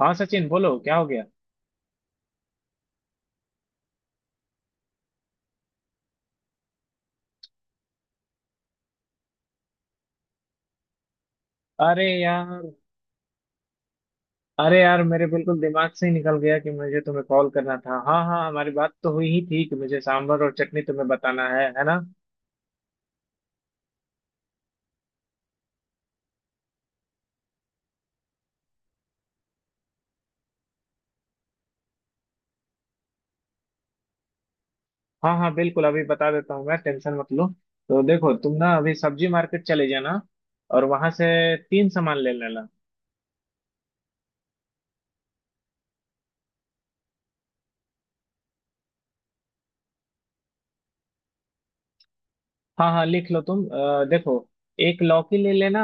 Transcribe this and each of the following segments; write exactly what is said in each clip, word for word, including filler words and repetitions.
हाँ, सचिन बोलो, क्या हो गया। अरे यार। अरे यार, मेरे बिल्कुल दिमाग से ही निकल गया कि मुझे तुम्हें कॉल करना था। हाँ, हाँ, हमारी बात तो हुई ही थी कि मुझे सांभर और चटनी तुम्हें बताना है है ना। हाँ, हाँ, बिल्कुल। अभी बता देता हूँ मैं, टेंशन मत लो। तो देखो, तुम ना अभी सब्जी मार्केट चले जाना। और वहां से तीन सामान ले लेना। हाँ, हाँ, लिख लो तुम। अ, देखो, एक लौकी ले लेना।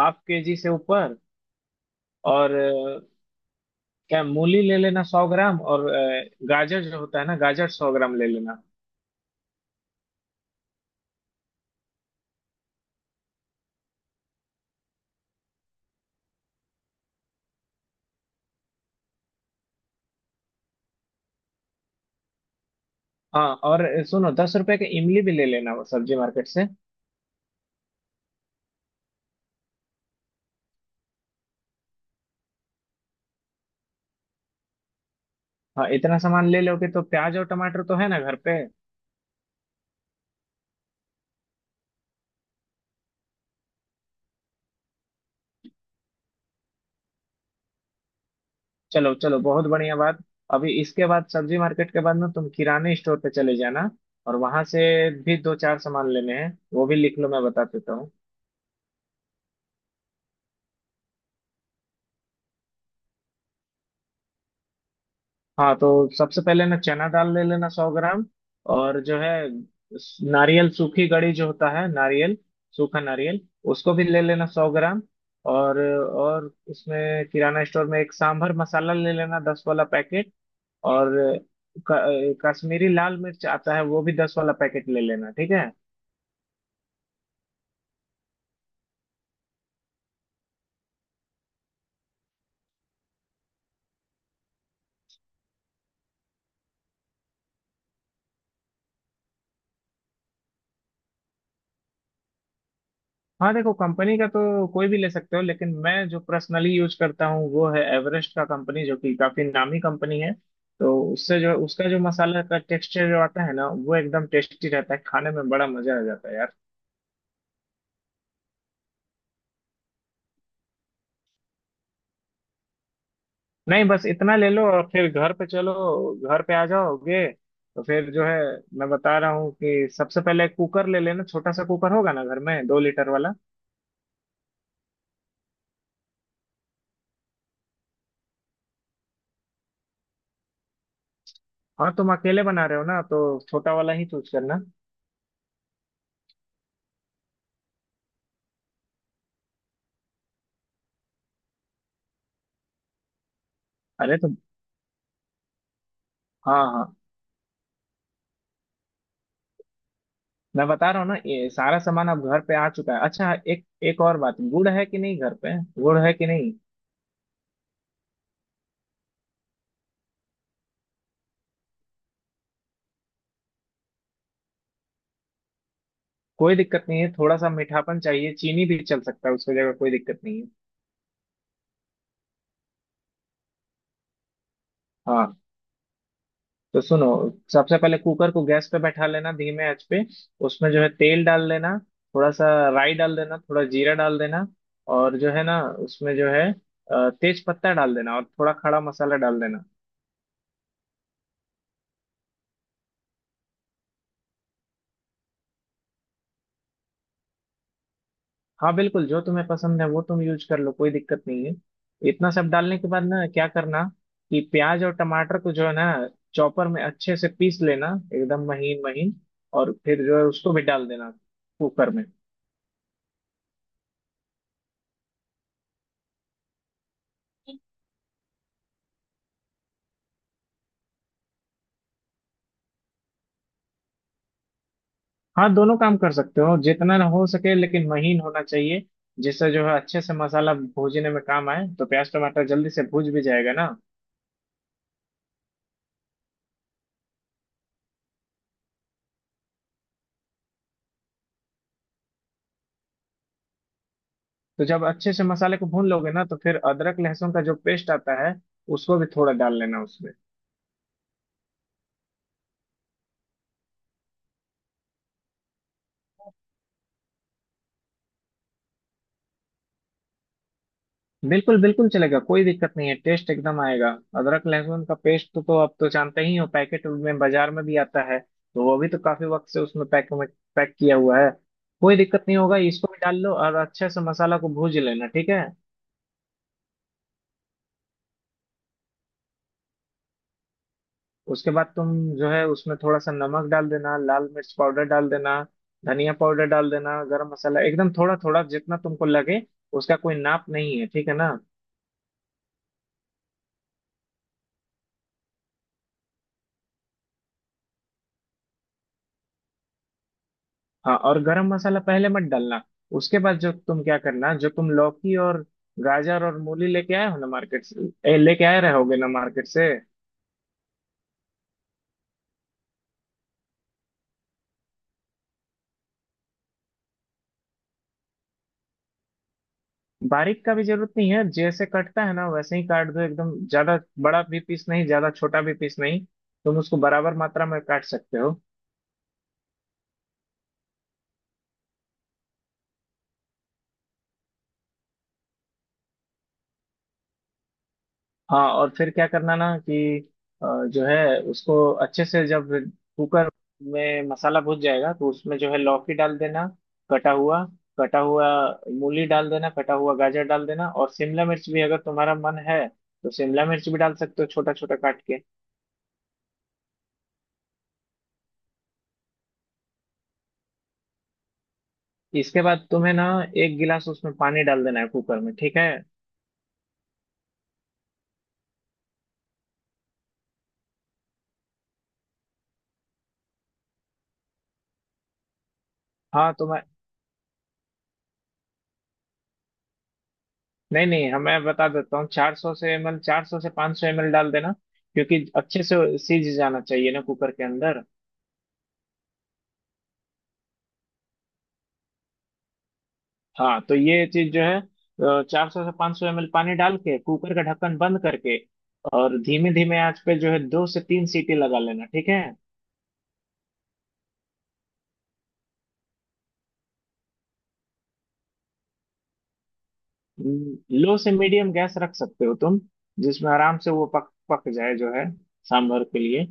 हाफ के जी से ऊपर। और अ, क्या, मूली ले लेना सौ ग्राम। और अ, गाजर, जो होता है ना, गाजर सौ ग्राम ले लेना। हाँ, और सुनो, दस रुपए का इमली भी ले लेना वो सब्जी मार्केट से। हाँ, इतना सामान ले लोगे। तो प्याज और टमाटर तो है ना घर पे। चलो, चलो, बहुत बढ़िया बात। अभी इसके बाद, सब्जी मार्केट के बाद ना, तुम किराने स्टोर पे चले जाना। और वहां से भी दो चार सामान लेने हैं, वो भी लिख लो, मैं बता देता हूँ। हाँ, तो सबसे पहले ना चना दाल ले लेना, सौ ग्राम। और जो है, स- नारियल, सूखी गड़ी जो होता है नारियल, सूखा नारियल, उसको भी ले लेना सौ ग्राम। और और इसमें किराना स्टोर में एक सांभर मसाला ले लेना, दस वाला पैकेट। और क- कश्मीरी लाल मिर्च आता है, वो भी दस वाला पैकेट ले लेना, ठीक है। हाँ देखो, कंपनी का तो कोई भी ले सकते हो, लेकिन मैं जो पर्सनली यूज करता हूँ वो है एवरेस्ट का कंपनी, जो कि काफी नामी कंपनी है। तो उससे जो, उसका जो मसाला का टेक्सचर जो आता है ना, वो एकदम टेस्टी रहता है, खाने में बड़ा मजा आ जाता है यार। नहीं, बस इतना ले लो और फिर घर पे चलो, घर पे आ जाओगे। तो फिर जो है, मैं बता रहा हूँ कि सबसे पहले कुकर ले लेना, छोटा सा कुकर होगा ना घर में, दो लीटर वाला। हाँ, तुम अकेले बना रहे हो ना, तो छोटा वाला ही चूज करना। अरे तुम। हाँ, हाँ, मैं बता रहा हूँ ना, ये सारा सामान अब घर पे आ चुका है। अच्छा, एक, एक और बात, गुड़ है कि नहीं घर पे। गुड़ है कि नहीं। कोई दिक्कत नहीं है, थोड़ा सा मीठापन चाहिए, चीनी भी चल सकता है उसकी जगह, कोई दिक्कत नहीं है। हाँ, तो सुनो, सबसे पहले कुकर को गैस पे बैठा लेना, धीमे आंच पे। उसमें जो है तेल डाल लेना, थोड़ा सा। राई डाल देना, थोड़ा जीरा डाल देना। और जो है ना, उसमें जो है अ, तेज पत्ता डाल देना, और थोड़ा खड़ा मसाला डाल देना। हाँ, बिल्कुल, जो तुम्हें पसंद है वो तुम यूज कर लो, कोई दिक्कत नहीं है। इतना सब डालने के बाद ना क्या करना कि प्याज और टमाटर को जो है ना, चॉपर में अच्छे से पीस लेना, एकदम महीन महीन। और फिर जो है उसको भी डाल देना कुकर में। हाँ, दोनों काम कर सकते हो, जितना हो सके लेकिन महीन होना चाहिए। जिससे जो है अच्छे से मसाला भूनने में काम आए, तो प्याज टमाटर जल्दी से भूज भी जाएगा ना। तो जब अच्छे से मसाले को भून लोगे ना, तो फिर अदरक लहसुन का जो पेस्ट आता है, उसको भी थोड़ा डाल लेना उसमें। बिल्कुल, बिल्कुल चलेगा, कोई दिक्कत नहीं है, टेस्ट एकदम आएगा। अदरक लहसुन का पेस्ट तो, तो आप तो जानते ही हो, पैकेट में बाजार में भी आता है, तो वो भी तो काफी वक्त से उसमें पैक में पैक किया हुआ है। कोई दिक्कत नहीं होगा, इसको भी डाल लो और अच्छे से मसाला को भूज लेना, ठीक है। उसके बाद तुम जो है उसमें थोड़ा सा नमक डाल देना, लाल मिर्च पाउडर डाल देना, धनिया पाउडर डाल देना। गरम मसाला एकदम थोड़ा थोड़ा, जितना तुमको लगे, उसका कोई नाप नहीं है, ठीक है ना। हाँ, और गरम मसाला पहले मत डालना। उसके बाद जो तुम क्या करना, जो तुम लौकी और गाजर और मूली लेके आए हो ना मार्केट से, ए, लेके आए रहोगे ना मार्केट से। बारीक का भी जरूरत नहीं है, जैसे कटता है ना वैसे ही काट दो एकदम, ज्यादा बड़ा भी पीस नहीं, ज्यादा छोटा भी पीस नहीं। तुम उसको बराबर मात्रा में काट सकते हो। हाँ, और फिर क्या करना ना कि अ, जो है उसको, अच्छे से जब कुकर में मसाला भुन जाएगा, तो उसमें जो है लौकी डाल देना, कटा हुआ। कटा हुआ मूली डाल देना, कटा हुआ गाजर डाल देना। और शिमला मिर्च भी अगर तुम्हारा मन है तो शिमला मिर्च भी डाल सकते हो, छोटा छोटा काट के। इसके बाद तुम्हें ना एक गिलास उसमें पानी डाल देना है कुकर में, ठीक है। हाँ, तो मैं, नहीं नहीं, हाँ, मैं बता देता हूँ, चार सौ से एम एल, चार सौ से पाँच सौ एम एल डाल देना। क्योंकि अच्छे से सीज जाना चाहिए ना कुकर के अंदर। हाँ, तो ये चीज जो है, चार सौ से पांच सौ एम एल पानी डाल के कुकर का ढक्कन बंद करके, और धीमे धीमे आंच पे जो है दो से तीन सीटी लगा लेना, ठीक है। लो से मीडियम गैस रख सकते हो तुम, जिसमें आराम से वो पक पक जाए जो है सांभर के लिए।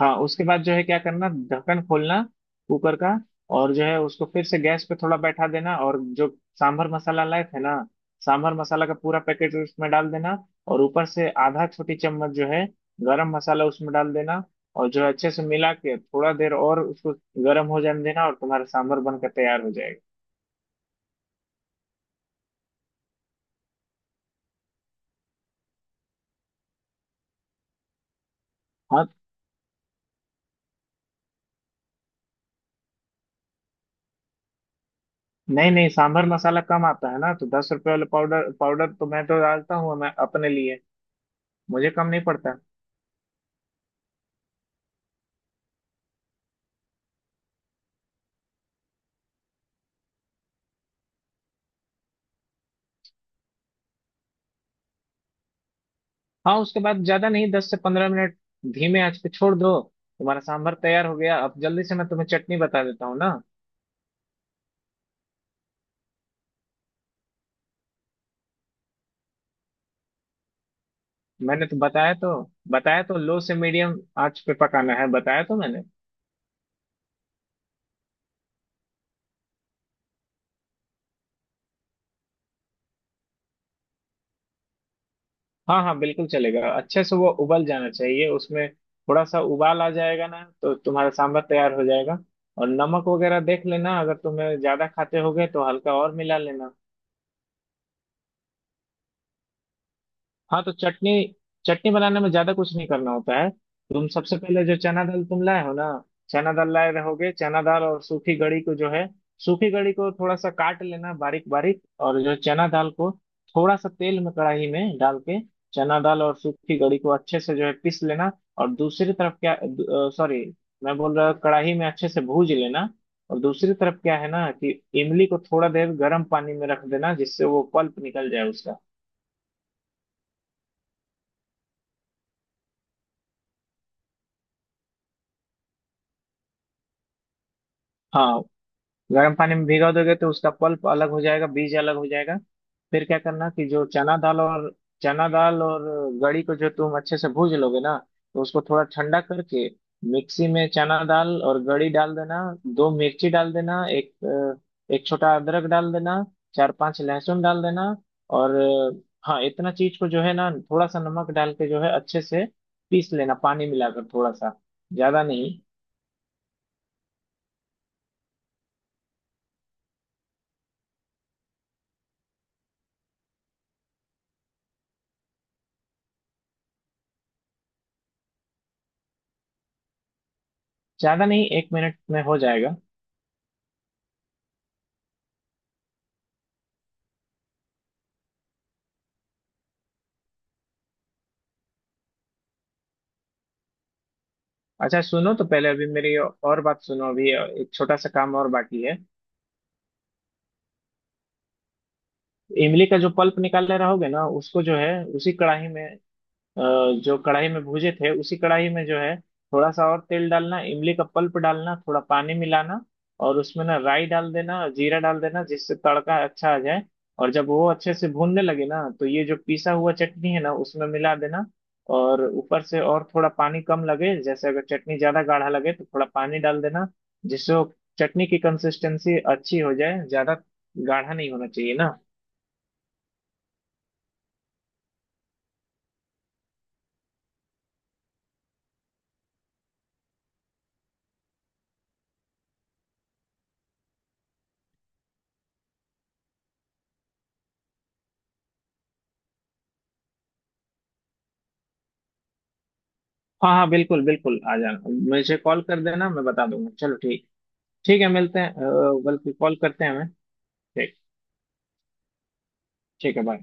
हाँ, उसके बाद जो है क्या करना, ढक्कन खोलना कुकर का, और जो है उसको फिर से गैस पे थोड़ा बैठा देना। और जो सांभर मसाला लाए थे ना, सांभर मसाला का पूरा पैकेट उसमें डाल देना। और ऊपर से आधा छोटी चम्मच जो है गरम मसाला उसमें डाल देना। और जो है अच्छे से मिला के थोड़ा देर और उसको गर्म हो जाने देना, और तुम्हारा सांभर बनकर तैयार हो जाएगा। हाँ, नहीं नहीं, सांभर मसाला कम आता है ना, तो दस रुपए वाला पाउडर पाउडर तो मैं तो डालता हूँ मैं अपने लिए, मुझे कम नहीं पड़ता। हाँ, उसके बाद ज्यादा नहीं, दस से पंद्रह मिनट धीमे आंच पे छोड़ दो। तुम्हारा सांभर तैयार हो गया, अब जल्दी से मैं तुम्हें चटनी बता देता हूँ ना। मैंने तो बताया तो, बताया तो लो से मीडियम आंच पे पकाना है, बताया तो मैंने। हाँ, हाँ, बिल्कुल चलेगा, अच्छे से वो उबल जाना चाहिए, उसमें थोड़ा सा उबाल आ जाएगा ना, तो तुम्हारा सांभर तैयार हो जाएगा। और नमक वगैरह देख लेना, अगर तुम्हें ज्यादा खाते होगे तो हल्का और मिला लेना। हाँ, तो चटनी, चटनी बनाने में ज्यादा कुछ नहीं करना होता है। तुम सबसे पहले जो चना दाल तुम लाए हो ना, चना दाल लाए रहोगे, चना दाल और सूखी गड़ी को जो है, सूखी गड़ी को थोड़ा सा काट लेना बारीक बारीक। और जो चना दाल को थोड़ा सा तेल में कढ़ाई में डाल के, चना दाल और सूखी गड़ी को अच्छे से जो है पीस लेना। और दूसरी तरफ क्या, सॉरी, मैं बोल रहा कढ़ाई में अच्छे से भूज लेना। और दूसरी तरफ क्या है ना कि इमली को थोड़ा देर गर्म पानी में रख देना, जिससे वो पल्प निकल जाए उसका। हाँ, गर्म पानी में भिगा दोगे तो उसका पल्प अलग हो जाएगा, बीज अलग हो जाएगा। फिर क्या करना कि जो चना दाल और चना दाल और गड़ी को जो तुम अच्छे से भूज लोगे ना, तो उसको थोड़ा ठंडा करके मिक्सी में चना दाल और गड़ी डाल देना। दो मिर्ची डाल देना, एक अ, एक छोटा अदरक डाल देना, चार पांच लहसुन डाल देना। और अ, हाँ, इतना चीज को जो है ना थोड़ा सा नमक डाल के जो है अच्छे से पीस लेना, पानी मिलाकर थोड़ा सा, ज्यादा नहीं। ज्यादा नहीं, एक मिनट में हो जाएगा। अच्छा सुनो, तो पहले अभी मेरी और बात सुनो। अभी एक छोटा सा काम और बाकी है। इमली का जो पल्प निकाले रहोगे ना, उसको जो है उसी कढ़ाई में, अ, जो कढ़ाई में भूजे थे, उसी कढ़ाई में जो है थोड़ा सा और तेल डालना, इमली का पल्प डालना, थोड़ा पानी मिलाना। और उसमें ना राई डाल देना, जीरा डाल देना, जिससे तड़का अच्छा आ जाए। और जब वो अच्छे से भूनने लगे ना, तो ये जो पिसा हुआ चटनी है ना, उसमें मिला देना। और ऊपर से और थोड़ा पानी कम लगे, जैसे अगर चटनी ज्यादा गाढ़ा लगे तो थोड़ा पानी डाल देना, जिससे वो चटनी की कंसिस्टेंसी अच्छी हो जाए। ज्यादा गाढ़ा नहीं होना चाहिए ना। हाँ, हाँ, बिल्कुल, बिल्कुल, आ जाना, मुझे कॉल कर देना, मैं बता दूंगा। चलो ठीक। ठीक है, मिलते हैं, अ, बल्कि कॉल करते हैं हमें। ठीक। ठीक है, बाय।